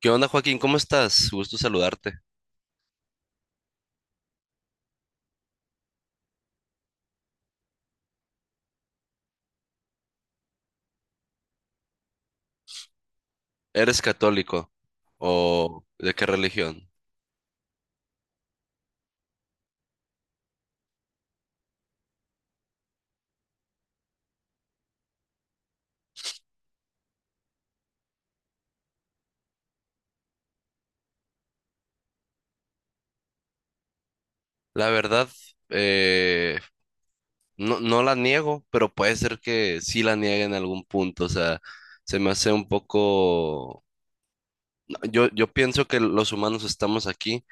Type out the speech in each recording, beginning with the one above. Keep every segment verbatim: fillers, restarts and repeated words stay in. ¿Qué onda, Joaquín? ¿Cómo estás? Gusto saludarte. ¿Eres católico o de qué religión? La verdad, eh, no, no la niego, pero puede ser que sí la niegue en algún punto. O sea, se me hace un poco... Yo, yo pienso que los humanos estamos aquí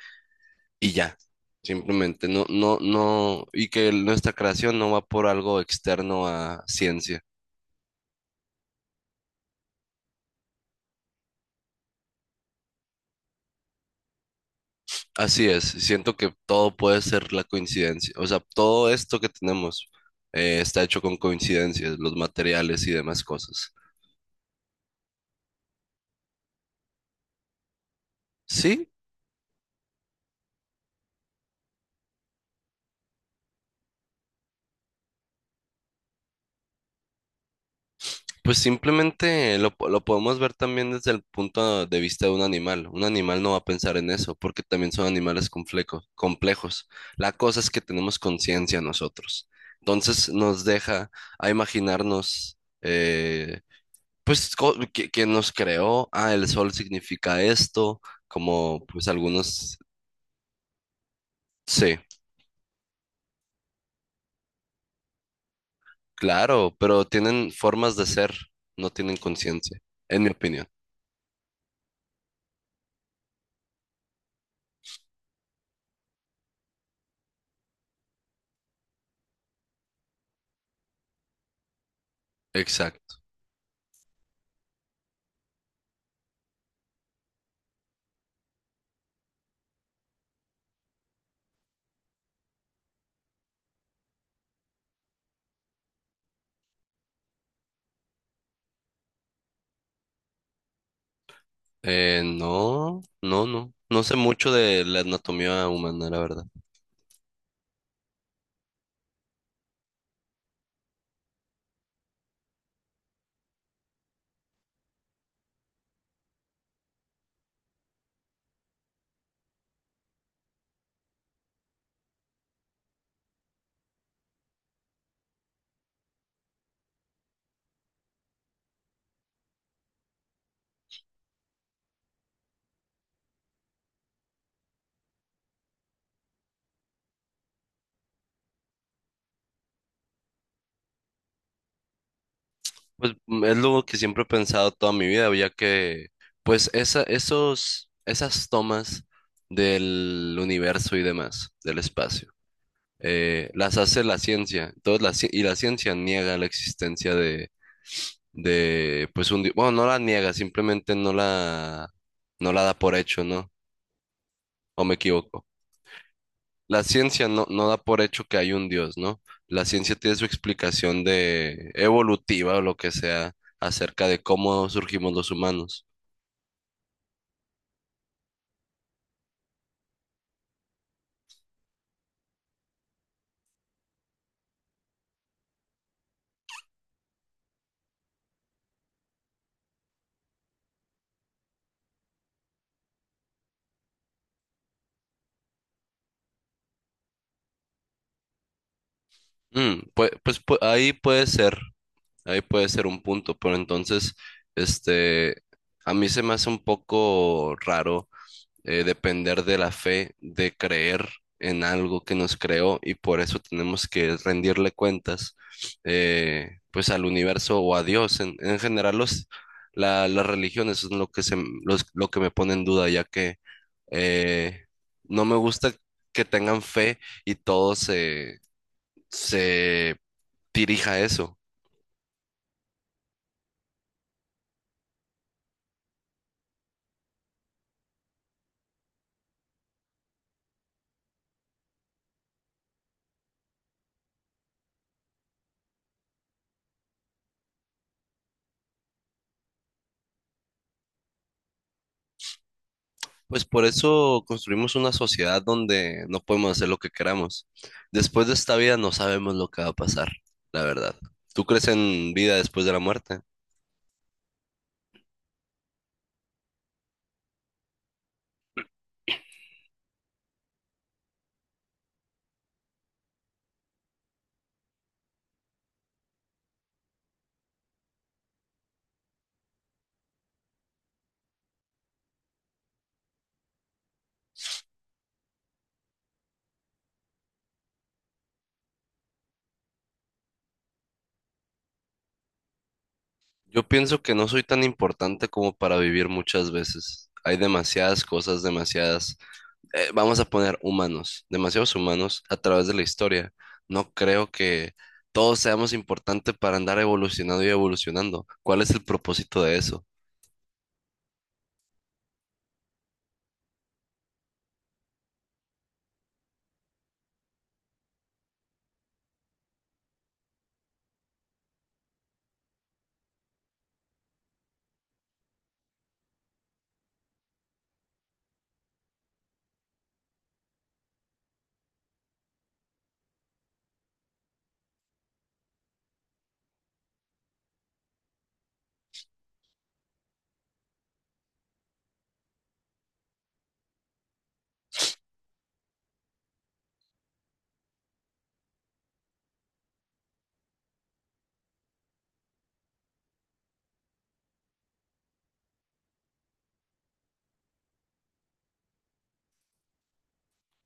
y ya, simplemente. No, no, no, y que nuestra creación no va por algo externo a ciencia. Así es, siento que todo puede ser la coincidencia, o sea, todo esto que tenemos eh, está hecho con coincidencias, los materiales y demás cosas. Sí, pues simplemente lo, po- lo podemos ver también desde el punto de vista de un animal. Un animal no va a pensar en eso, porque también son animales complejos, complejos. La cosa es que tenemos conciencia nosotros. Entonces nos deja a imaginarnos eh, pues co- que, que nos creó, ah, el sol significa esto, como pues algunos, sí, claro, pero tienen formas de ser, no tienen conciencia, en mi opinión. Exacto. Eh, no, no, no, no sé mucho de la anatomía humana, la verdad. Pues mm, es lo que siempre he pensado toda mi vida, ya que pues esa, esos, esas tomas del universo y demás, del espacio. Eh, las hace la ciencia. Entonces, la, ci- y la ciencia niega la existencia de, de pues un Dios. Bueno, no la niega, simplemente no la, no la da por hecho, ¿no? ¿O me equivoco? La ciencia no, no da por hecho que hay un Dios, ¿no? La ciencia tiene su explicación de evolutiva o lo que sea acerca de cómo surgimos los humanos. Mm, pues, pues pu- ahí puede ser, ahí puede ser un punto, pero entonces, este, a mí se me hace un poco raro eh, depender de la fe, de creer en algo que nos creó y por eso tenemos que rendirle cuentas eh, pues al universo o a Dios. En, en general los, la- las religiones son lo que, se, los- lo que me pone en duda ya que eh, no me gusta que tengan fe y todo se, se dirija a eso. Pues por eso construimos una sociedad donde no podemos hacer lo que queramos. Después de esta vida no sabemos lo que va a pasar, la verdad. ¿Tú crees en vida después de la muerte? Yo pienso que no soy tan importante como para vivir muchas veces. Hay demasiadas cosas, demasiadas, eh, vamos a poner humanos, demasiados humanos a través de la historia. No creo que todos seamos importantes para andar evolucionando y evolucionando. ¿Cuál es el propósito de eso?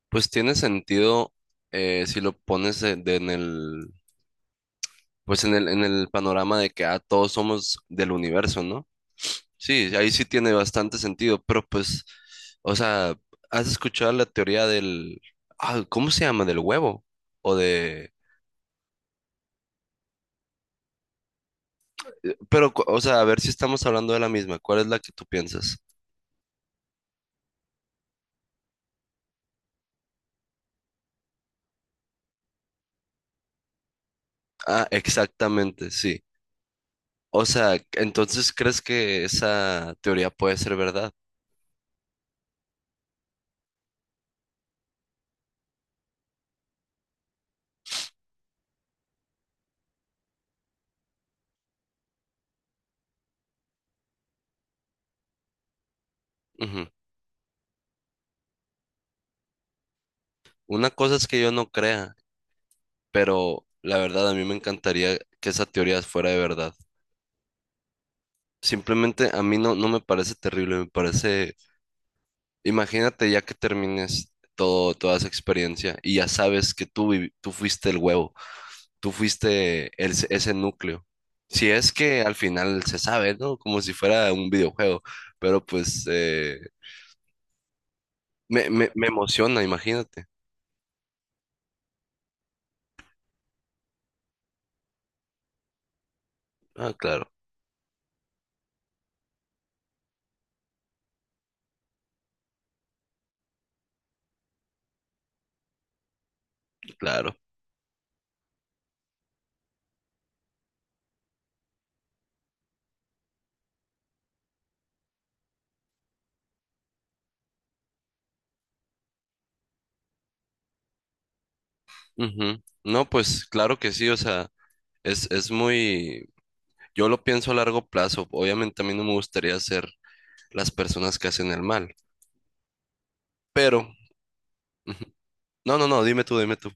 Pues tiene sentido eh, si lo pones de- de en el, pues en el, en el panorama de que ah, todos somos del universo, ¿no? Sí, ahí sí tiene bastante sentido, pero pues, o sea, ¿has escuchado la teoría del, ah, ¿cómo se llama? Del huevo o de, pero, cu- o sea, a ver si estamos hablando de la misma. ¿Cuál es la que tú piensas? Ah, exactamente, sí. O sea, entonces, ¿crees que esa teoría puede ser verdad? Ujú. Una cosa es que yo no crea, pero la verdad a mí me encantaría que esa teoría fuera de verdad. Simplemente a mí no, no me parece terrible, me parece, imagínate ya que termines todo, toda esa experiencia y ya sabes que tú, vivi- tú fuiste el huevo, tú fuiste el- ese núcleo. Si es que al final se sabe, ¿no? Como si fuera un videojuego, pero pues eh, me, me, me emociona, imagínate. Ah, claro, claro. Ujú. No, pues claro que sí, o sea, es, es muy, yo lo pienso a largo plazo. Obviamente a mí no me gustaría ser las personas que hacen el mal, pero... Ujú. No, no, no, dime tú, dime tú.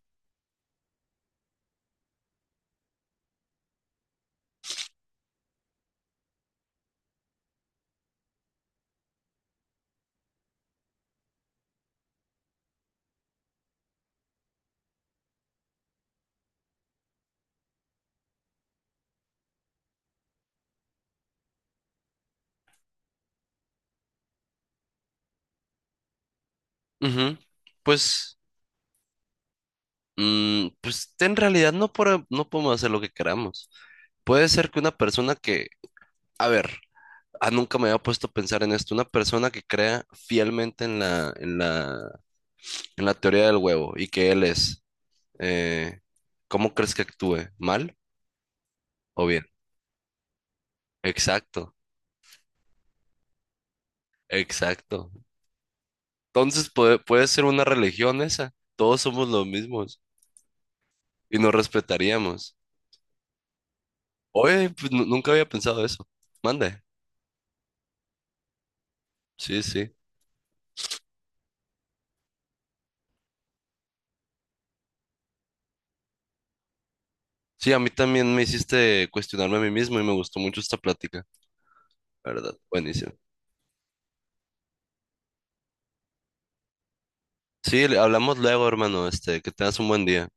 Ujú. Pues, mm, pues en realidad no, por- no podemos hacer lo que queramos. Puede ser que una persona que, a ver, ah, nunca me había puesto a pensar en esto, una persona que crea fielmente en la, en la, en la teoría del huevo y que él es, eh, ¿cómo crees que actúe? ¿Mal o bien? Exacto, exacto. Entonces puede, puede ser una religión esa. Todos somos los mismos y nos respetaríamos. Oye, pues nu- nunca había pensado eso. Mande. Sí, sí. Sí, a mí también me hiciste cuestionarme a mí mismo y me gustó mucho esta plática, la ¿verdad? Buenísimo. Sí, le- hablamos luego, hermano. Este, que tengas un buen día.